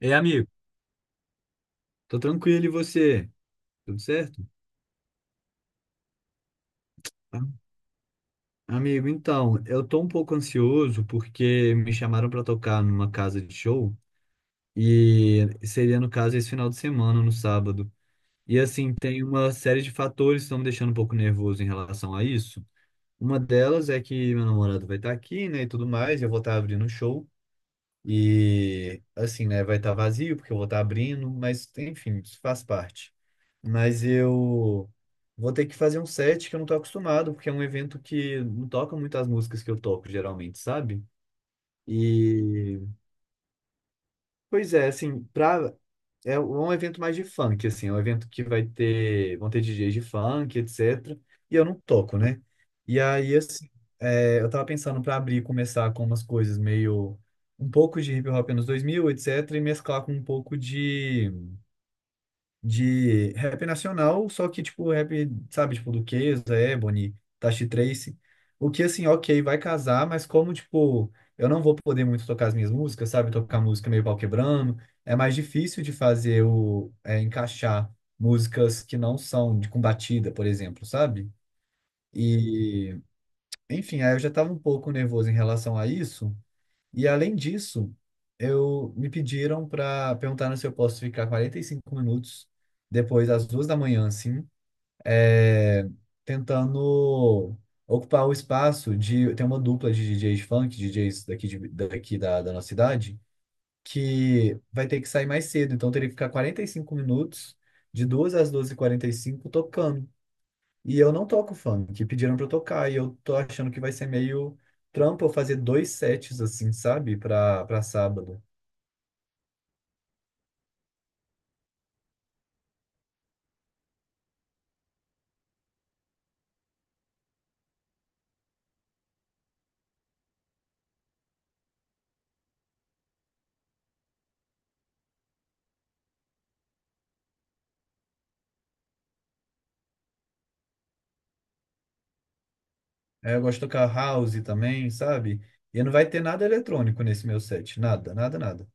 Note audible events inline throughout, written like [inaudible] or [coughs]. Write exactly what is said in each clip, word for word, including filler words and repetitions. Ei, amigo, tô tranquilo e você? Tudo certo? Tá. Amigo, então, eu tô um pouco ansioso porque me chamaram pra tocar numa casa de show e seria, no caso, esse final de semana, no sábado. E assim, tem uma série de fatores que estão me deixando um pouco nervoso em relação a isso. Uma delas é que meu namorado vai estar aqui, né, e tudo mais, e eu vou estar abrindo o show. E assim, né, vai estar vazio porque eu vou estar abrindo, mas enfim, isso faz parte. Mas eu vou ter que fazer um set que eu não tô acostumado, porque é um evento que não toca muito as músicas que eu toco geralmente, sabe? E pois é, assim, pra é um é um evento mais de funk, assim, é um evento que vai ter, vão ter D J s de funk, etcétera. E eu não toco, né? E aí, assim, é, eu tava pensando pra abrir, e começar com umas coisas meio um pouco de hip hop anos anos dois mil, etc, e mesclar com um pouco de de rap nacional, só que, tipo, rap, sabe, tipo, do Luqueza, Ebony, Tashi Trace. O que, assim, ok, vai casar, mas como, tipo, eu não vou poder muito tocar as minhas músicas, sabe? Tocar música meio pau quebrando. É mais difícil de fazer o, é, encaixar músicas que não são de com batida por exemplo, sabe? E, enfim, aí eu já tava um pouco nervoso em relação a isso. E além disso, eu me pediram para perguntar se eu posso ficar quarenta e cinco minutos depois das duas da manhã, assim, é, tentando ocupar o espaço de tem uma dupla de D J s funk, D J s daqui, de- daqui da, da nossa cidade, que vai ter que sair mais cedo, então eu teria que ficar quarenta e cinco minutos de duas às duas e quarenta e cinco tocando. E eu não toco funk, pediram pra eu tocar, e eu tô achando que vai ser meio trampo eu fazer dois sets, assim, sabe? Pra, pra sábado. Aí eu gosto de tocar house também, sabe? E não vai ter nada eletrônico nesse meu set, nada, nada, nada.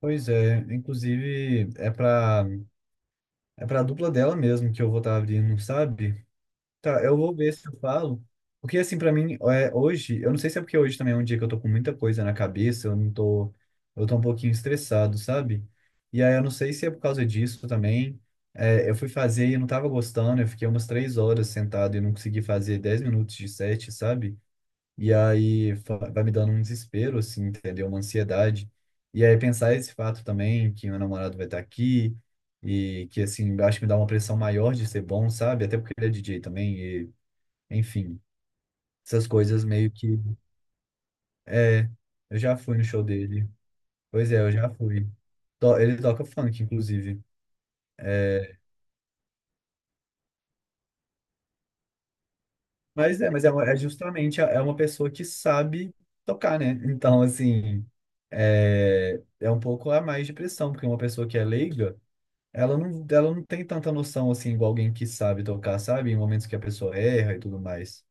Pois é, inclusive é pra, é pra dupla dela mesmo que eu vou estar abrindo, sabe? Tá, eu vou ver se eu falo. Porque, assim, pra mim, é, hoje, eu não sei se é porque hoje também é um dia que eu tô com muita coisa na cabeça, eu não tô, eu tô um pouquinho estressado, sabe? E aí eu não sei se é por causa disso também. É, eu fui fazer e eu não tava gostando, eu fiquei umas três horas sentado e não consegui fazer dez minutos de set, sabe? E aí fa- vai me dando um desespero, assim, entendeu? Uma ansiedade. E aí pensar esse fato também, que meu namorado vai estar aqui. E que, assim, acho que me dá uma pressão maior de ser bom, sabe? Até porque ele é D J também, enfim, essas coisas meio que. É, eu já fui no show dele. Pois é, eu já fui. To- Ele toca funk, inclusive. Mas é, mas é, uma- é justamente é uma pessoa que sabe tocar, né? [laughs] Então, assim, é, é um pouco a mais de pressão, porque uma pessoa que é leiga, ela não, ela não tem tanta noção, assim, igual alguém que sabe tocar, sabe? Em momentos que a pessoa erra e tudo mais.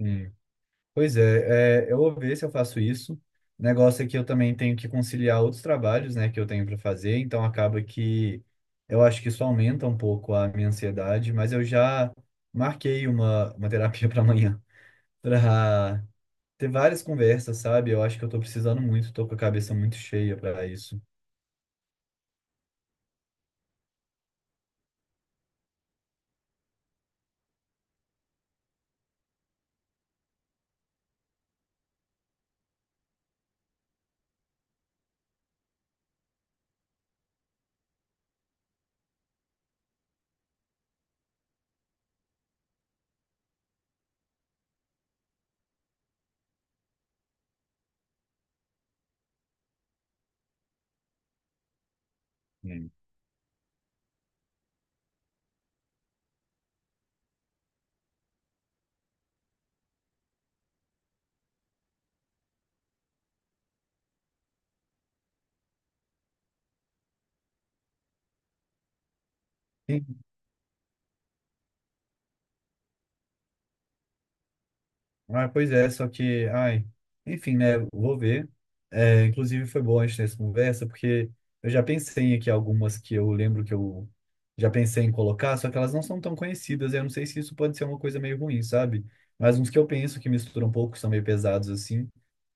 Sim. Pois é, é, eu vou ver se eu faço isso. O negócio é que eu também tenho que conciliar outros trabalhos, né, que eu tenho para fazer, então acaba que eu acho que isso aumenta um pouco a minha ansiedade, mas eu já marquei uma, uma terapia [laughs] para amanhã, para ter várias conversas, sabe? Eu acho que eu tô precisando muito, tô com a cabeça muito cheia para isso. Hum. Ah, pois é, só que, ai, enfim, né, vou ver. É, inclusive foi bom a gente ter essa conversa, porque eu já pensei aqui algumas que eu lembro que eu já pensei em colocar, só que elas não são tão conhecidas, eu não sei se isso pode ser uma coisa meio ruim, sabe? Mas uns que eu penso que misturam um pouco, são meio pesados assim,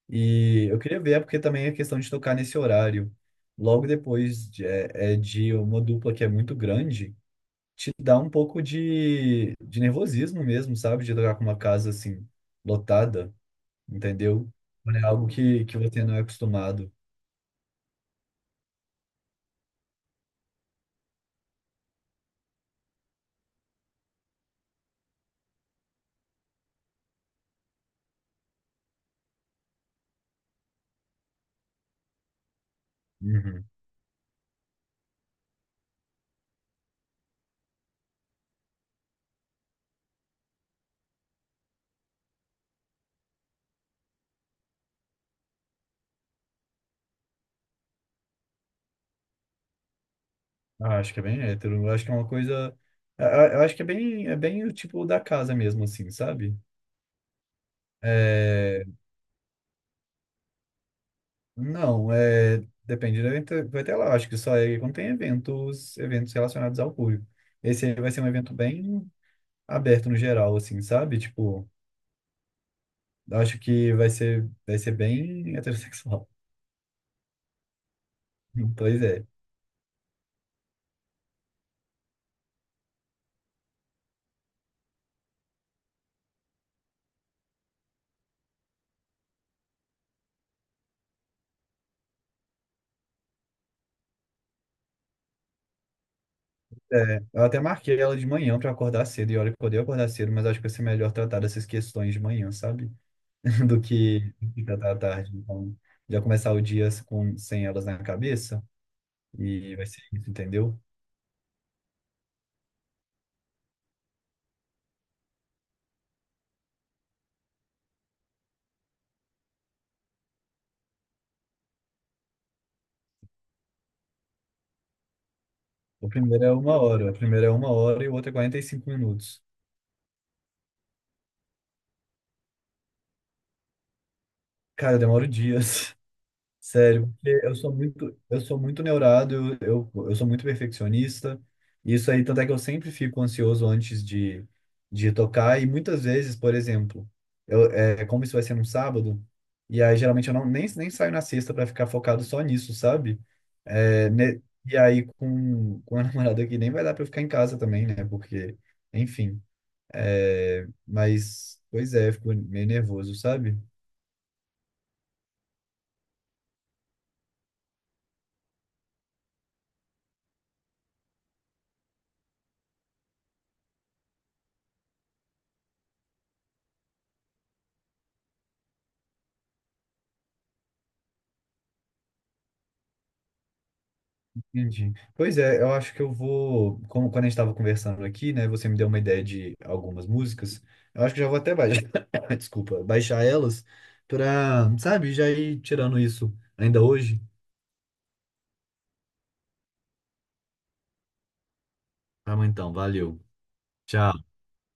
e eu queria ver, é porque também é questão de tocar nesse horário, logo depois de, é, é de uma dupla que é muito grande, te dá um pouco de, de nervosismo mesmo, sabe? De tocar com uma casa assim lotada, entendeu? É algo que, que você não é acostumado. Uhum. Ah, acho que é bem hétero. Eu acho que é uma coisa. Eu eu acho que é bem, é bem o tipo da casa mesmo, assim, sabe? É, não, é, depende do evento, vai ter lá, acho que só é quando tem eventos, eventos relacionados ao público. Esse aí vai ser um evento bem aberto no geral, assim, sabe? Tipo, eu acho que vai ser, vai ser bem heterossexual. [laughs] Pois é. É, eu até marquei ela de manhã pra acordar cedo, e olha que eu odeio acordar cedo, mas acho que vai ser melhor tratar dessas questões de manhã, sabe? [laughs] Do que tratar à tarde. Então, já começar o dia com, sem elas na cabeça, e vai ser isso, entendeu? O primeiro é uma hora, o primeiro é uma hora e o outro é quarenta e cinco minutos. Cara, eu demoro dias. Sério, porque eu sou muito, eu sou muito neurado, eu, eu, eu sou muito perfeccionista. Isso aí, tanto é que eu sempre fico ansioso antes de, de tocar. E muitas vezes, por exemplo, eu, é, como isso vai ser num sábado, e aí geralmente eu não, nem, nem saio na sexta para ficar focado só nisso, sabe? É, né, e aí com, com a [laughs] namorada aqui nem vai dar para ficar em casa também, né? Porque, enfim. é, Mas, pois é, eu fico meio nervoso, sabe? Entendi. Pois é, eu acho que eu vou, como quando a gente estava conversando aqui, né, você me deu uma ideia de algumas músicas, eu acho que já vou até baixar, [laughs] [coughs] desculpa, baixar elas pra, sabe, já ir tirando isso ainda hoje. Tá bom, então, valeu. Tchau.